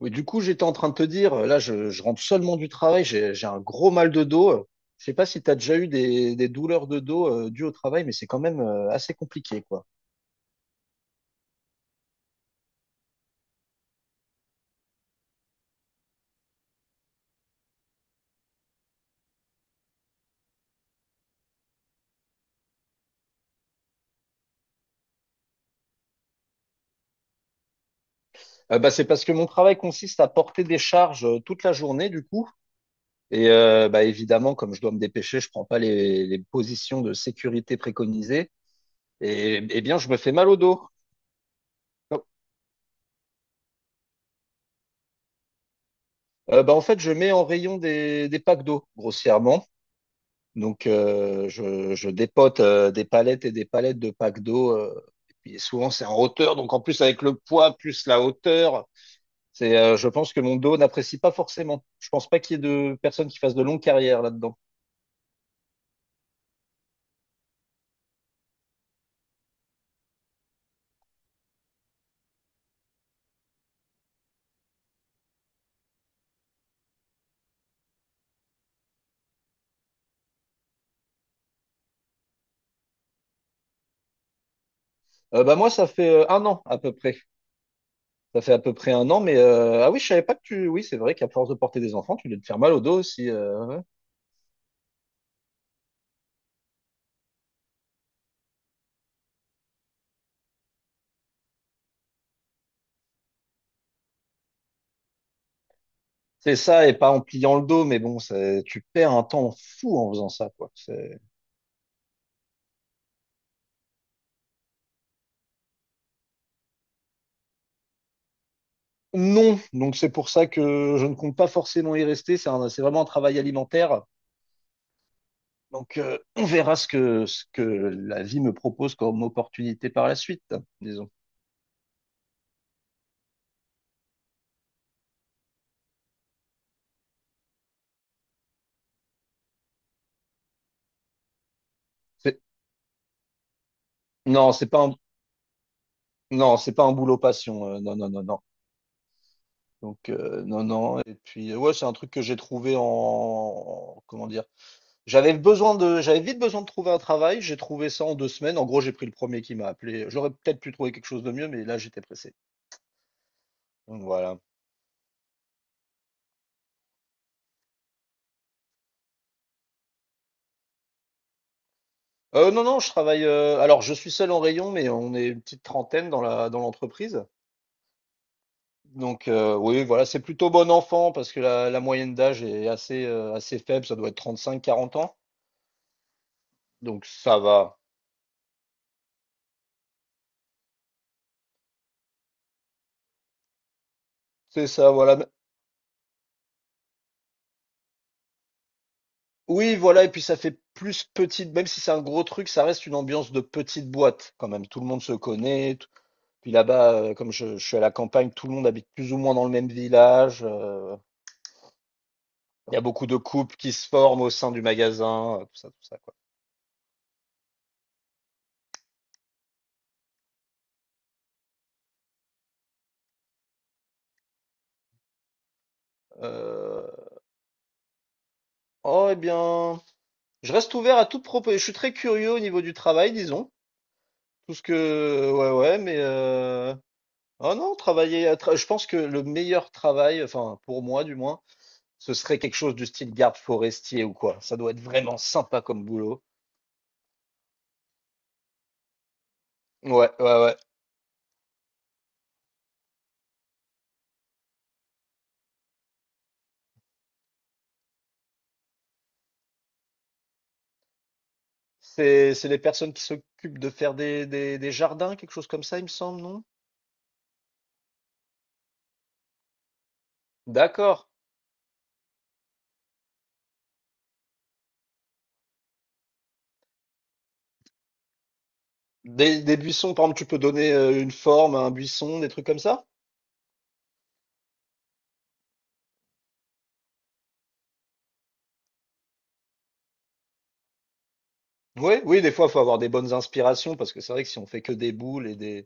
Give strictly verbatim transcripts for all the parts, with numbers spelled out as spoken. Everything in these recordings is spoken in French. Oui, du coup, j'étais en train de te dire, euh, là, je, je rentre seulement du travail, j'ai, j'ai un gros mal de dos. Euh, Je sais pas si tu as déjà eu des, des douleurs de dos euh, dues au travail, mais c'est quand même euh, assez compliqué, quoi. Euh, bah, c'est parce que mon travail consiste à porter des charges euh, toute la journée, du coup. Et euh, bah, évidemment, comme je dois me dépêcher, je prends pas les, les positions de sécurité préconisées. Et eh bien, je me fais mal au dos. Euh, bah, en fait, je mets en rayon des, des packs d'eau, grossièrement. Donc, euh, je, je dépote euh, des palettes et des palettes de packs d'eau. Euh, et puis souvent, c'est en hauteur. Donc, en plus, avec le poids plus la hauteur, c'est, euh, je pense que mon dos n'apprécie pas forcément. Je pense pas qu'il y ait de personnes qui fassent de longues carrières là-dedans. Euh, bah moi, ça fait euh, un an à peu près. Ça fait à peu près un an, mais euh, ah oui, je savais pas que tu. Oui, c'est vrai qu'à force de porter des enfants, tu dois te faire mal au dos aussi. Euh, ouais. C'est ça, et pas en pliant le dos, mais bon, c'est- tu perds un temps fou en faisant ça, quoi. C'est Non, donc c'est pour ça que je ne compte pas forcément y rester. C'est un- c'est vraiment un travail alimentaire. Donc euh, on verra ce que, ce que la vie me propose comme opportunité par la suite, disons. C'est- Non, c'est pas un, non, c'est pas un boulot passion. Euh, non, non, non, non. Donc euh, non, non. Et puis euh, ouais, c'est un truc que j'ai trouvé en, en- comment dire. J'avais besoin de, j'avais vite besoin de trouver un travail. J'ai trouvé ça en deux semaines. En gros, j'ai pris le premier qui m'a appelé. J'aurais peut-être pu trouver quelque chose de mieux, mais là j'étais pressé. Donc voilà. Heu, non, non, je travaille, heu, alors je suis seul en rayon, mais on est une petite trentaine dans la dans l'entreprise. Donc, heu, oui, voilà, c'est plutôt bon enfant parce que la la moyenne d'âge est assez, heu, assez faible, ça doit être trente cinq quarante ans, donc ça va. C'est ça, voilà. Oui, voilà, et puis ça fait plus petite même si c'est un gros truc, ça reste une ambiance de petite boîte quand même. Tout le monde se connaît, t puis là-bas, heu, comme je je suis à la campagne, tout le monde habite plus ou moins dans le même village. Heu, il y a beaucoup de couples qui se forment au sein du magasin, heu, tout ça, tout ça, quoi. Heu Oh, eh bien, je reste ouvert à toute proposition. Je suis très curieux au niveau du travail, disons. Tout ce que, ouais, ouais, mais euh... Oh non, travailler. à tra- Je pense que le meilleur travail, enfin pour moi du moins, ce serait quelque chose du style garde forestier ou quoi. Ça doit être vraiment sympa comme boulot. Ouais, ouais, ouais. C'est, c'est les personnes qui s'occupent de faire des, des, des jardins, quelque chose comme ça, il me semble, non? D'accord. Des, des buissons, par exemple, tu peux donner euh, une forme à un buisson, des trucs comme ça? Oui, oui, des fois, il faut avoir des bonnes inspirations parce que c'est vrai que si on fait que des boules et des,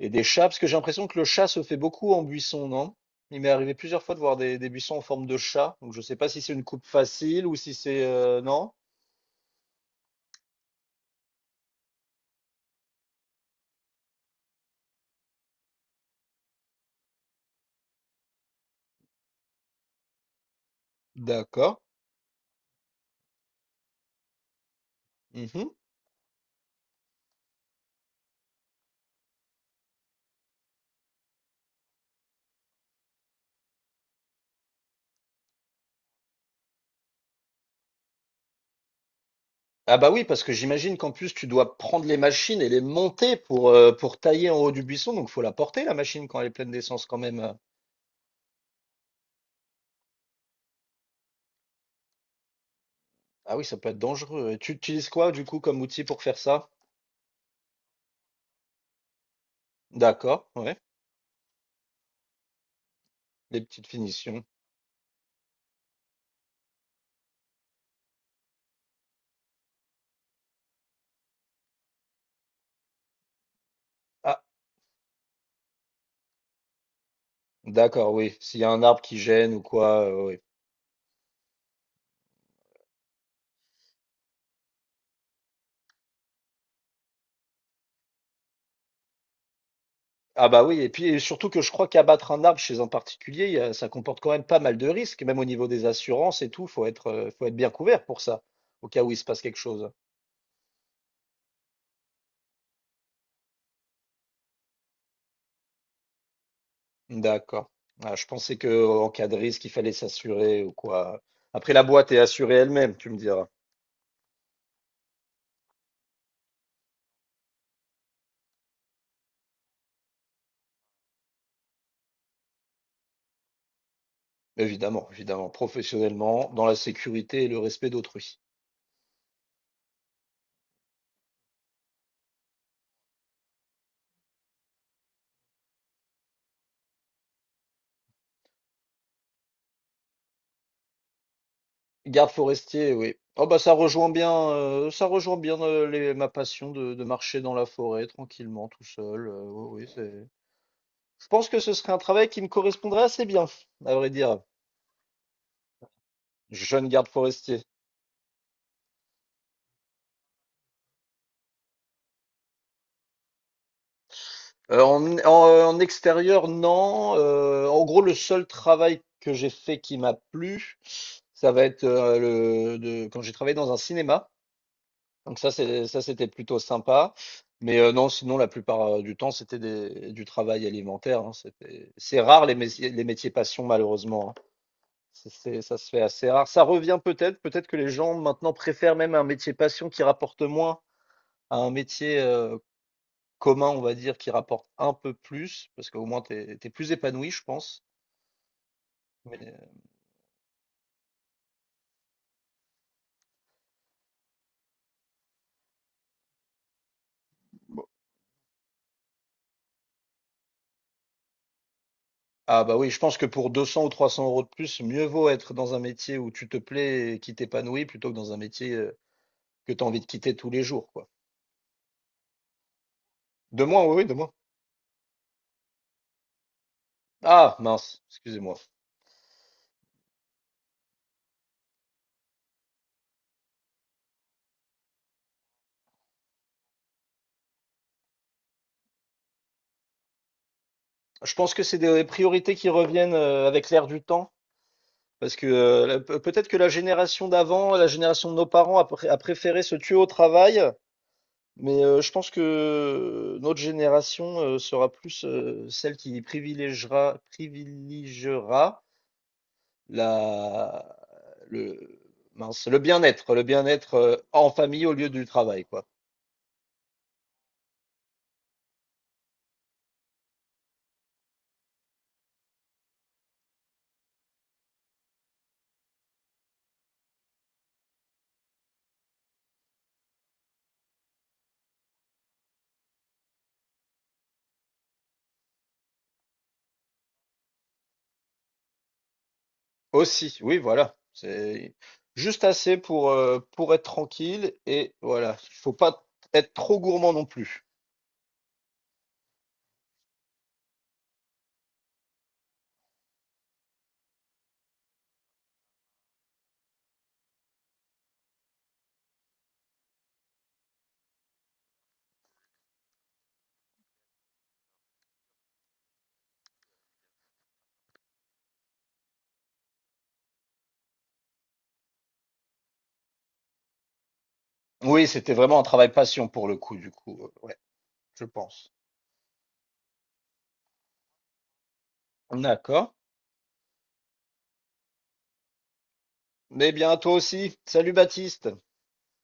et des chats, parce que j'ai l'impression que le chat se fait beaucoup en buisson, non? Il m'est arrivé plusieurs fois de voir des, des buissons en forme de chat, donc je sais pas si c'est une coupe facile ou si c'est... euh, non? D'accord. Mhm. Ah bah oui, parce que j'imagine qu'en plus, tu dois prendre les machines et les monter pour, euh, pour tailler en haut du buisson, donc faut la porter, la machine, quand elle est pleine d'essence quand même. Ah oui, ça peut être dangereux. Et tu utilises quoi, du coup, comme outil pour faire ça? D'accord, ouais. Des petites finitions. D'accord, oui. S'il y a un arbre qui gêne ou quoi, euh, oui. Ah bah oui, et puis et surtout que je crois qu'abattre un arbre chez un particulier, il y a- ça comporte quand même pas mal de risques, même au niveau des assurances et tout, faut être, euh, faut être bien couvert pour ça, au cas où il se passe quelque chose. D'accord. Ah, je pensais que euh, en cas de risque, il fallait s'assurer ou quoi. Après, la boîte est assurée elle-même, tu me diras. Évidemment, évidemment, professionnellement, dans la sécurité et le respect d'autrui. Garde forestier, oui. Oh bah ça rejoint bien, heu, ça rejoint bien, heu, les ma passion de de marcher dans la forêt tranquillement tout seul. Heu, oui, oui, c'est je pense que ce serait un travail qui me correspondrait assez bien, à vrai dire, jeune garde forestier. Heu, en en, euh, en extérieur non, heu, en gros le seul travail que j'ai fait qui m'a plu, ça va être, heu, le de quand j'ai travaillé dans un cinéma. Donc ça, c'est ça, c'était plutôt sympa. Mais euh, non, sinon, la plupart euh, du temps, c'était des- du travail alimentaire, hein. C'était, c'est rare les métiers, les métiers passion, malheureusement, hein. C'est, c'est- ça se fait assez rare. Ça revient peut-être, peut-être que les gens maintenant préfèrent même un métier passion qui rapporte moins à un métier euh, commun, on va dire, qui rapporte un peu plus, parce qu'au moins, t'es, t'es plus épanoui, je pense. Mais, Bon, ah bah oui, je pense que pour deux cents ou trois cents euros de plus, mieux vaut être dans un métier où tu te plais et qui t'épanouit plutôt que dans un métier euh, que tu as envie de quitter tous les jours, quoi. De moi, oui, oui, de moi. Ah, mince, excusez-moi. Je pense que c'est des priorités qui reviennent euh, avec l'air du temps. Parce que euh, la- pe- peut-être que la génération d'avant, la génération de nos parents a, pré- a préféré se tuer au travail, mais euh, je pense que notre génération euh, sera plus euh, celle qui privilégiera, privilégiera la, le, mince, le bien-être, le bien-être euh, en famille au lieu du travail, quoi. Aussi, oui, voilà. C'est juste assez pour, euh, pour être tranquille et voilà. Il faut pas être trop gourmand non plus. Oui, c'était vraiment un travail passion pour le coup, du coup. euh, Ouais, je pense. D'accord. Mais bien à toi aussi. Salut Baptiste.